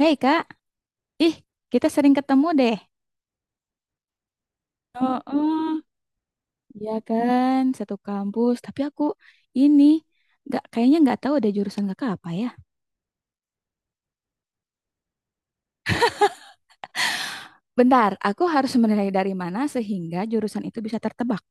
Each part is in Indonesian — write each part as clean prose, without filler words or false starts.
Hei Kak, ih kita sering ketemu deh. Oh, oh. Iya kan, satu kampus. Tapi aku ini nggak kayaknya nggak tahu deh jurusan kakak apa ya. Bentar, aku harus menilai dari mana sehingga jurusan itu bisa tertebak.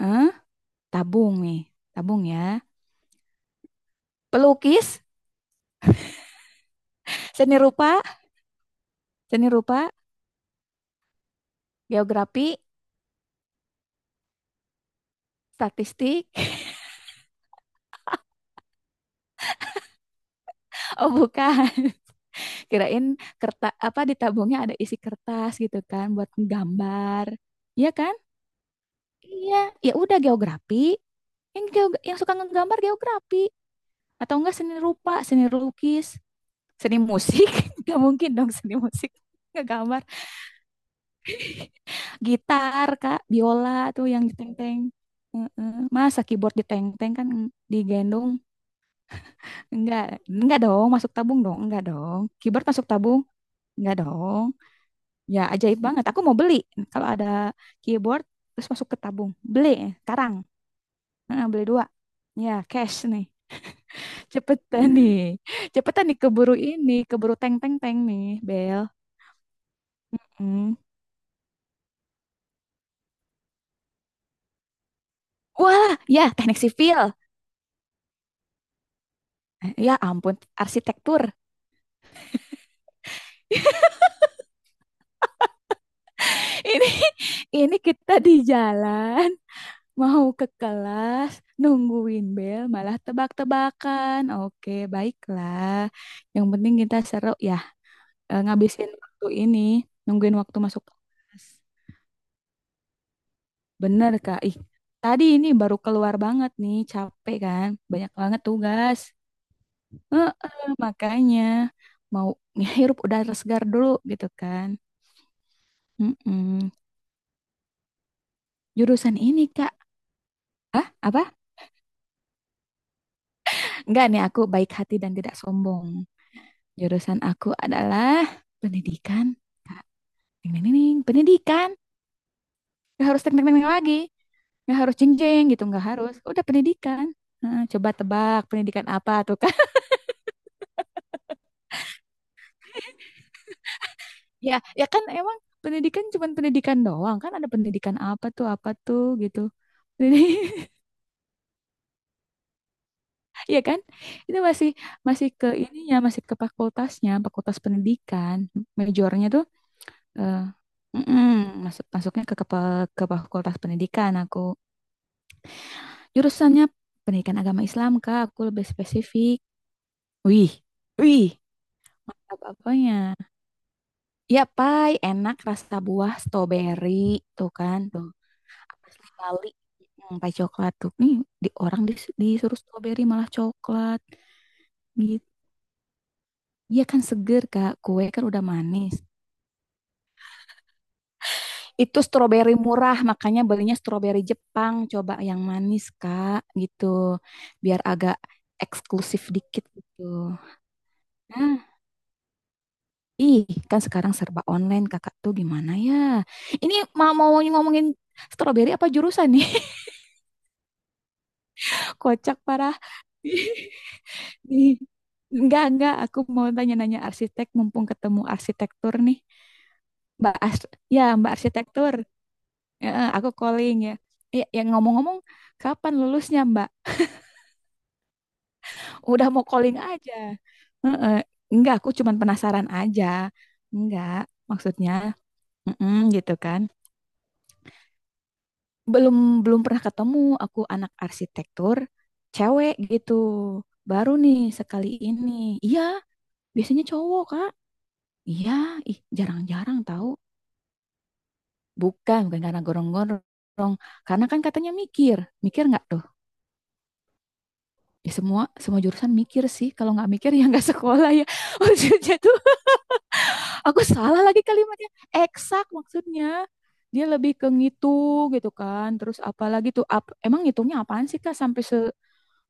Heeh, tabung nih, tabung ya. Pelukis, seni rupa, seni rupa, geografi, statistik. Oh bukan, kirain kertas apa di tabungnya ada isi kertas gitu kan buat gambar. Iya kan? Iya, ya udah geografi. Yang suka ngegambar geografi atau enggak seni rupa seni lukis seni musik nggak mungkin dong seni musik ngegambar gitar kak biola tuh yang ditenteng. Heeh. Masa keyboard diteng teng kan digendong enggak enggak dong masuk tabung dong enggak dong keyboard masuk tabung enggak dong ya ajaib banget aku mau beli kalau ada keyboard terus masuk ke tabung beli sekarang. Heeh, beli dua ya cash nih. Cepetan nih. Cepetan nih keburu ini, keburu teng teng teng nih, Bel. Hmm. Wah, ya teknik sipil. Eh, ya ampun, arsitektur. Ini ini kita di jalan mau ke kelas nungguin Bel malah tebak-tebakan. Oke, baiklah. Yang penting kita seru ya ngabisin waktu ini, nungguin waktu masuk kelas. Bener, Kak. Ih, tadi ini baru keluar banget nih, capek kan? Banyak banget tugas. Heeh, makanya mau ngehirup udara segar dulu gitu kan. Mm-mm. Jurusan ini Kak, ah apa? Enggak nih aku baik hati dan tidak sombong. Jurusan aku adalah pendidikan. Ding, ding, ding, ding. Pendidikan. Nggak harus teknik-teknik lagi. Nggak harus jeng-jeng gitu, nggak harus. Udah pendidikan. Heeh, coba tebak pendidikan apa tuh kan? Ya, ya kan emang pendidikan cuman pendidikan doang kan ada pendidikan apa tuh gitu. Jadi Iya kan? Itu masih masih ke ininya, masih ke fakultasnya, fakultas pendidikan. Majornya tuh eh, mm-mm, masuknya ke, ke fakultas pendidikan aku. Jurusannya pendidikan agama Islam, Kak. Aku lebih spesifik. Wih. Wih. Mantap apanya? Ya, pai, enak rasa buah strawberry tuh kan, tuh. Asli Bali. Hmm, pai coklat tuh. Nih, di orang disuruh strawberry malah coklat gitu. Iya kan seger Kak, kue kan udah manis. Itu stroberi murah, makanya belinya stroberi Jepang. Coba yang manis, Kak, gitu. Biar agak eksklusif dikit gitu. Nah, ih, kan sekarang serba online, Kakak tuh gimana ya? Ini mau mau ngomongin stroberi apa jurusan nih? Kocak parah. Ih, enggak, aku mau tanya-nanya arsitek mumpung ketemu arsitektur nih. Mbak Ars- ya, Mbak arsitektur. Ya, aku calling ya. Ya, yang ngomong-ngomong, kapan lulusnya, Mbak? Udah mau calling aja. Heeh. Enggak, aku cuman penasaran aja. Enggak, maksudnya mm-mm, gitu kan. Belum belum pernah ketemu aku anak arsitektur cewek gitu. Baru nih sekali ini. Iya, biasanya cowok, Kak. Iya, ih jarang-jarang tahu. Bukan, bukan karena gorong-gorong. Karena kan katanya mikir. Mikir nggak tuh? Ya semua semua jurusan mikir sih. Kalau nggak mikir ya nggak sekolah ya. Maksudnya tuh aku salah lagi kalimatnya. Eksak maksudnya. Dia lebih ke ngitung gitu kan. Terus apalagi tuh emang ngitungnya apaan sih Kak sampai se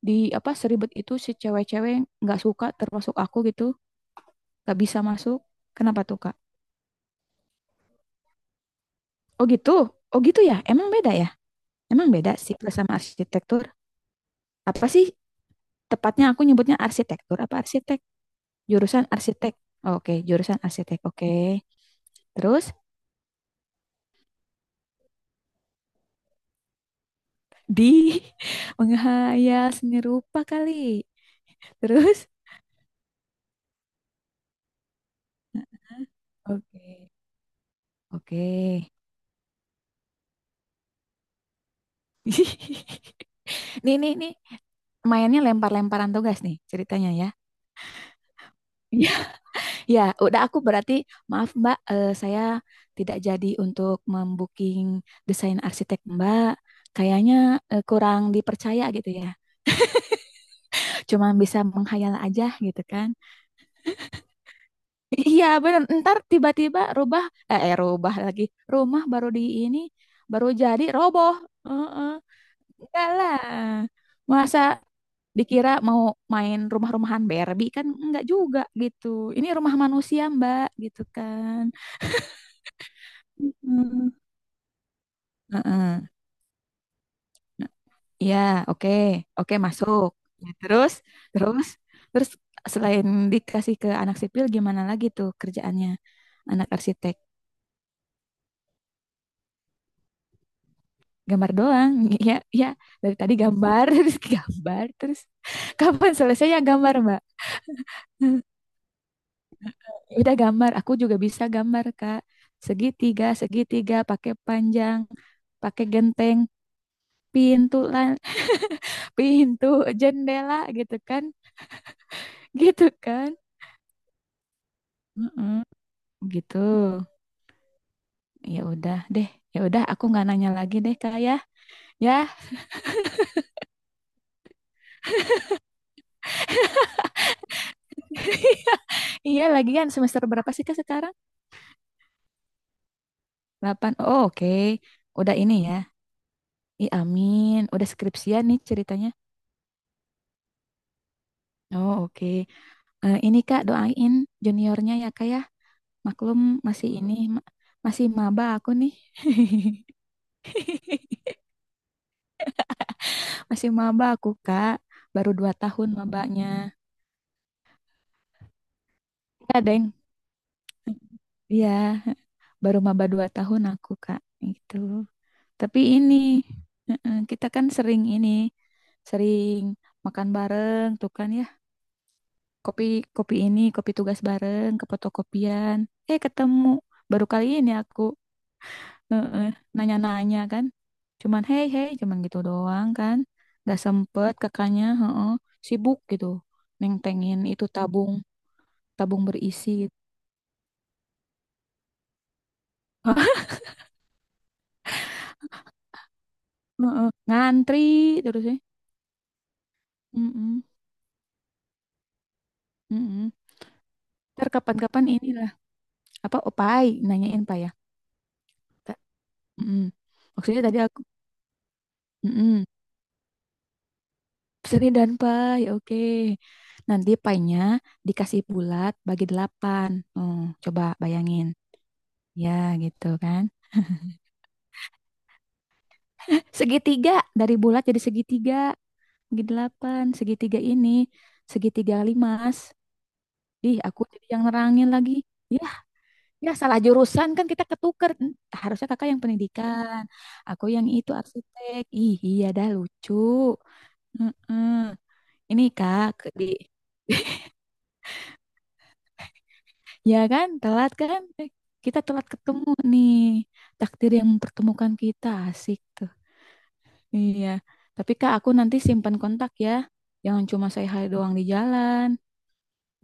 di apa seribet itu si cewek-cewek nggak suka termasuk aku gitu, nggak bisa masuk. Kenapa tuh Kak? Oh gitu. Oh gitu ya. Emang beda ya? Emang beda sih sama arsitektur. Apa sih tepatnya aku nyebutnya arsitektur apa arsitek? Jurusan arsitek. Oke, jurusan arsitek. Oke. Terus di menghayal seni rupa kali. Terus, oke, oke. Nih, nih, nih, mainnya lempar-lemparan tugas nih ceritanya ya. Iya. Ya, udah aku berarti maaf Mbak, saya tidak jadi untuk membooking desain arsitek Mbak. Kayaknya kurang dipercaya gitu ya. Cuma bisa menghayal aja gitu kan. Iya bener, ntar tiba-tiba rubah, rubah lagi. Rumah baru di ini, baru jadi roboh. Heeh. Enggak lah. Masa dikira mau main rumah-rumahan Barbie kan enggak juga gitu. Ini rumah manusia Mbak gitu kan. Mm. Heeh. Nah, iya, oke. Oke, masuk. Ya, terus, terus selain dikasih ke anak sipil gimana lagi tuh kerjaannya anak arsitek? Gambar doang ya ya dari tadi gambar terus gambar terus kapan selesai ya gambar mbak. Udah gambar aku juga bisa gambar kak segitiga segitiga pakai panjang pakai genteng pintu lan pintu jendela gitu kan. Gitu kan. Mm-mm. Gitu ya udah deh ya udah aku nggak nanya lagi deh kak ya ya. Iya lagian semester berapa sih kak sekarang 8 oh, oke udah ini ya. Ih, amin. Udah skripsian nih ceritanya. Oh, oke. Eh, ini Kak, doain juniornya ya Kak ya. Maklum masih ini masih maba aku nih. Masih maba aku, Kak. Baru 2 tahun mabanya. Enggak, Deng. Iya, baru maba 2 tahun aku, Kak. Itu. Tapi ini kita kan sering ini, sering makan bareng tuh kan ya. Kopi kopi ini kopi tugas bareng ke fotokopian ketemu baru kali ini aku eh, eh, nanya-nanya kan cuman hey hey cuman gitu doang kan nggak sempet kakaknya heeh, sibuk gitu nentengin itu tabung tabung berisi gitu. Heeh, ngantri terus ya. Mm-mm, mm-mm. Ntar kapan-kapan inilah apa opai nanyain pak ya. Ta- mm-mm. Maksudnya tadi aku mm-mm. Seri dan pie, oke. Nanti pie-nya dikasih bulat bagi delapan. Hmm, coba bayangin. Ya, gitu kan. Segitiga, dari bulat jadi segitiga. Bagi delapan, segitiga ini. Segitiga limas. Ih, aku jadi yang nerangin lagi. Ya, ya salah jurusan kan kita ketuker. Hmm, harusnya kakak yang pendidikan. Aku yang itu arsitek. Ih, iya dah lucu. Heeh. Ini kak, di ya kan, telat kan? Eh, kita telat ketemu nih. Takdir yang mempertemukan kita, asik tuh. Iya. Tapi Kak, aku nanti simpan kontak ya. Jangan cuma saya hai doang di jalan.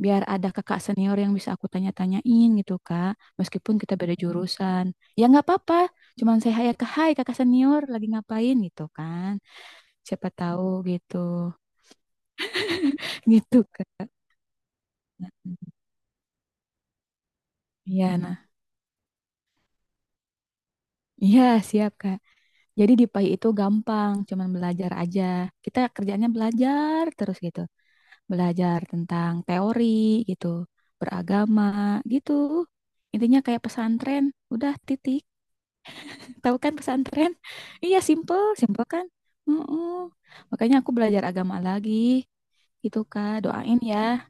Biar ada kakak senior yang bisa aku tanya-tanyain gitu, Kak. Meskipun kita beda jurusan. Ya nggak apa-apa. Cuman saya hai ke hai kakak senior lagi ngapain gitu kan. Siapa tahu gitu. Gitu, Kak. Iya, nah. Iya, siap, Kak. Jadi di PAI itu gampang, cuman belajar aja. Kita kerjanya belajar terus gitu. Belajar tentang teori gitu, beragama gitu. Intinya kayak pesantren, udah titik. Tahu kan pesantren? Iya, simple, simple kan? Mm-mm. Makanya aku belajar agama lagi gitu, Kak. Doain ya.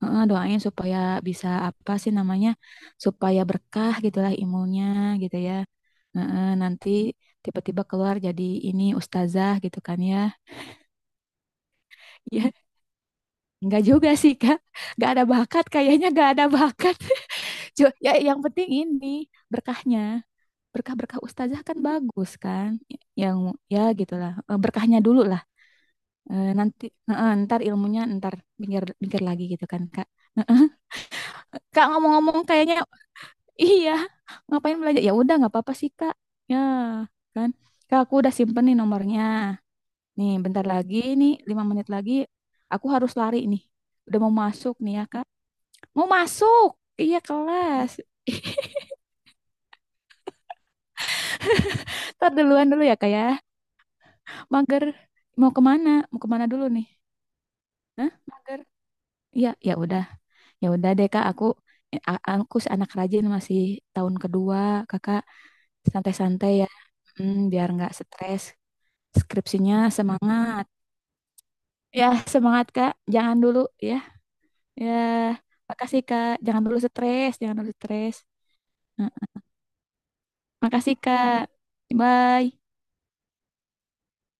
Heeh, doain supaya bisa apa sih namanya supaya berkah gitulah ilmunya gitu ya. Heeh, nanti tiba-tiba keluar jadi ini ustazah gitu kan ya ya nggak juga sih kak nggak ada bakat kayaknya nggak ada bakat. Ya yang penting ini berkahnya berkah-berkah ustazah kan bagus kan yang ya gitulah. Eh, berkahnya dulu lah. Eh, nanti heeh, ntar ilmunya ntar pinggir pinggir lagi gitu kan kak. Kak ngomong-ngomong kayaknya iya, ngapain belanja? Ya udah nggak apa-apa sih Kak. Ya kan, Kak aku udah simpen nih nomornya. Nih bentar lagi nih 5 menit lagi aku harus lari nih. Udah mau masuk nih ya Kak. Mau masuk? Iya kelas. Ntar duluan dulu ya Kak ya. Mager mau kemana? Mau kemana dulu nih? Hah? Mager? Iya, ya udah deh Kak. Aku si anak rajin masih tahun kedua Kakak santai-santai ya. Hmm, biar nggak stres. Skripsinya semangat. Ya, semangat Kak. Jangan dulu ya. Ya, makasih Kak. Jangan dulu stres, jangan dulu stres. Nah, makasih Kak. Bye.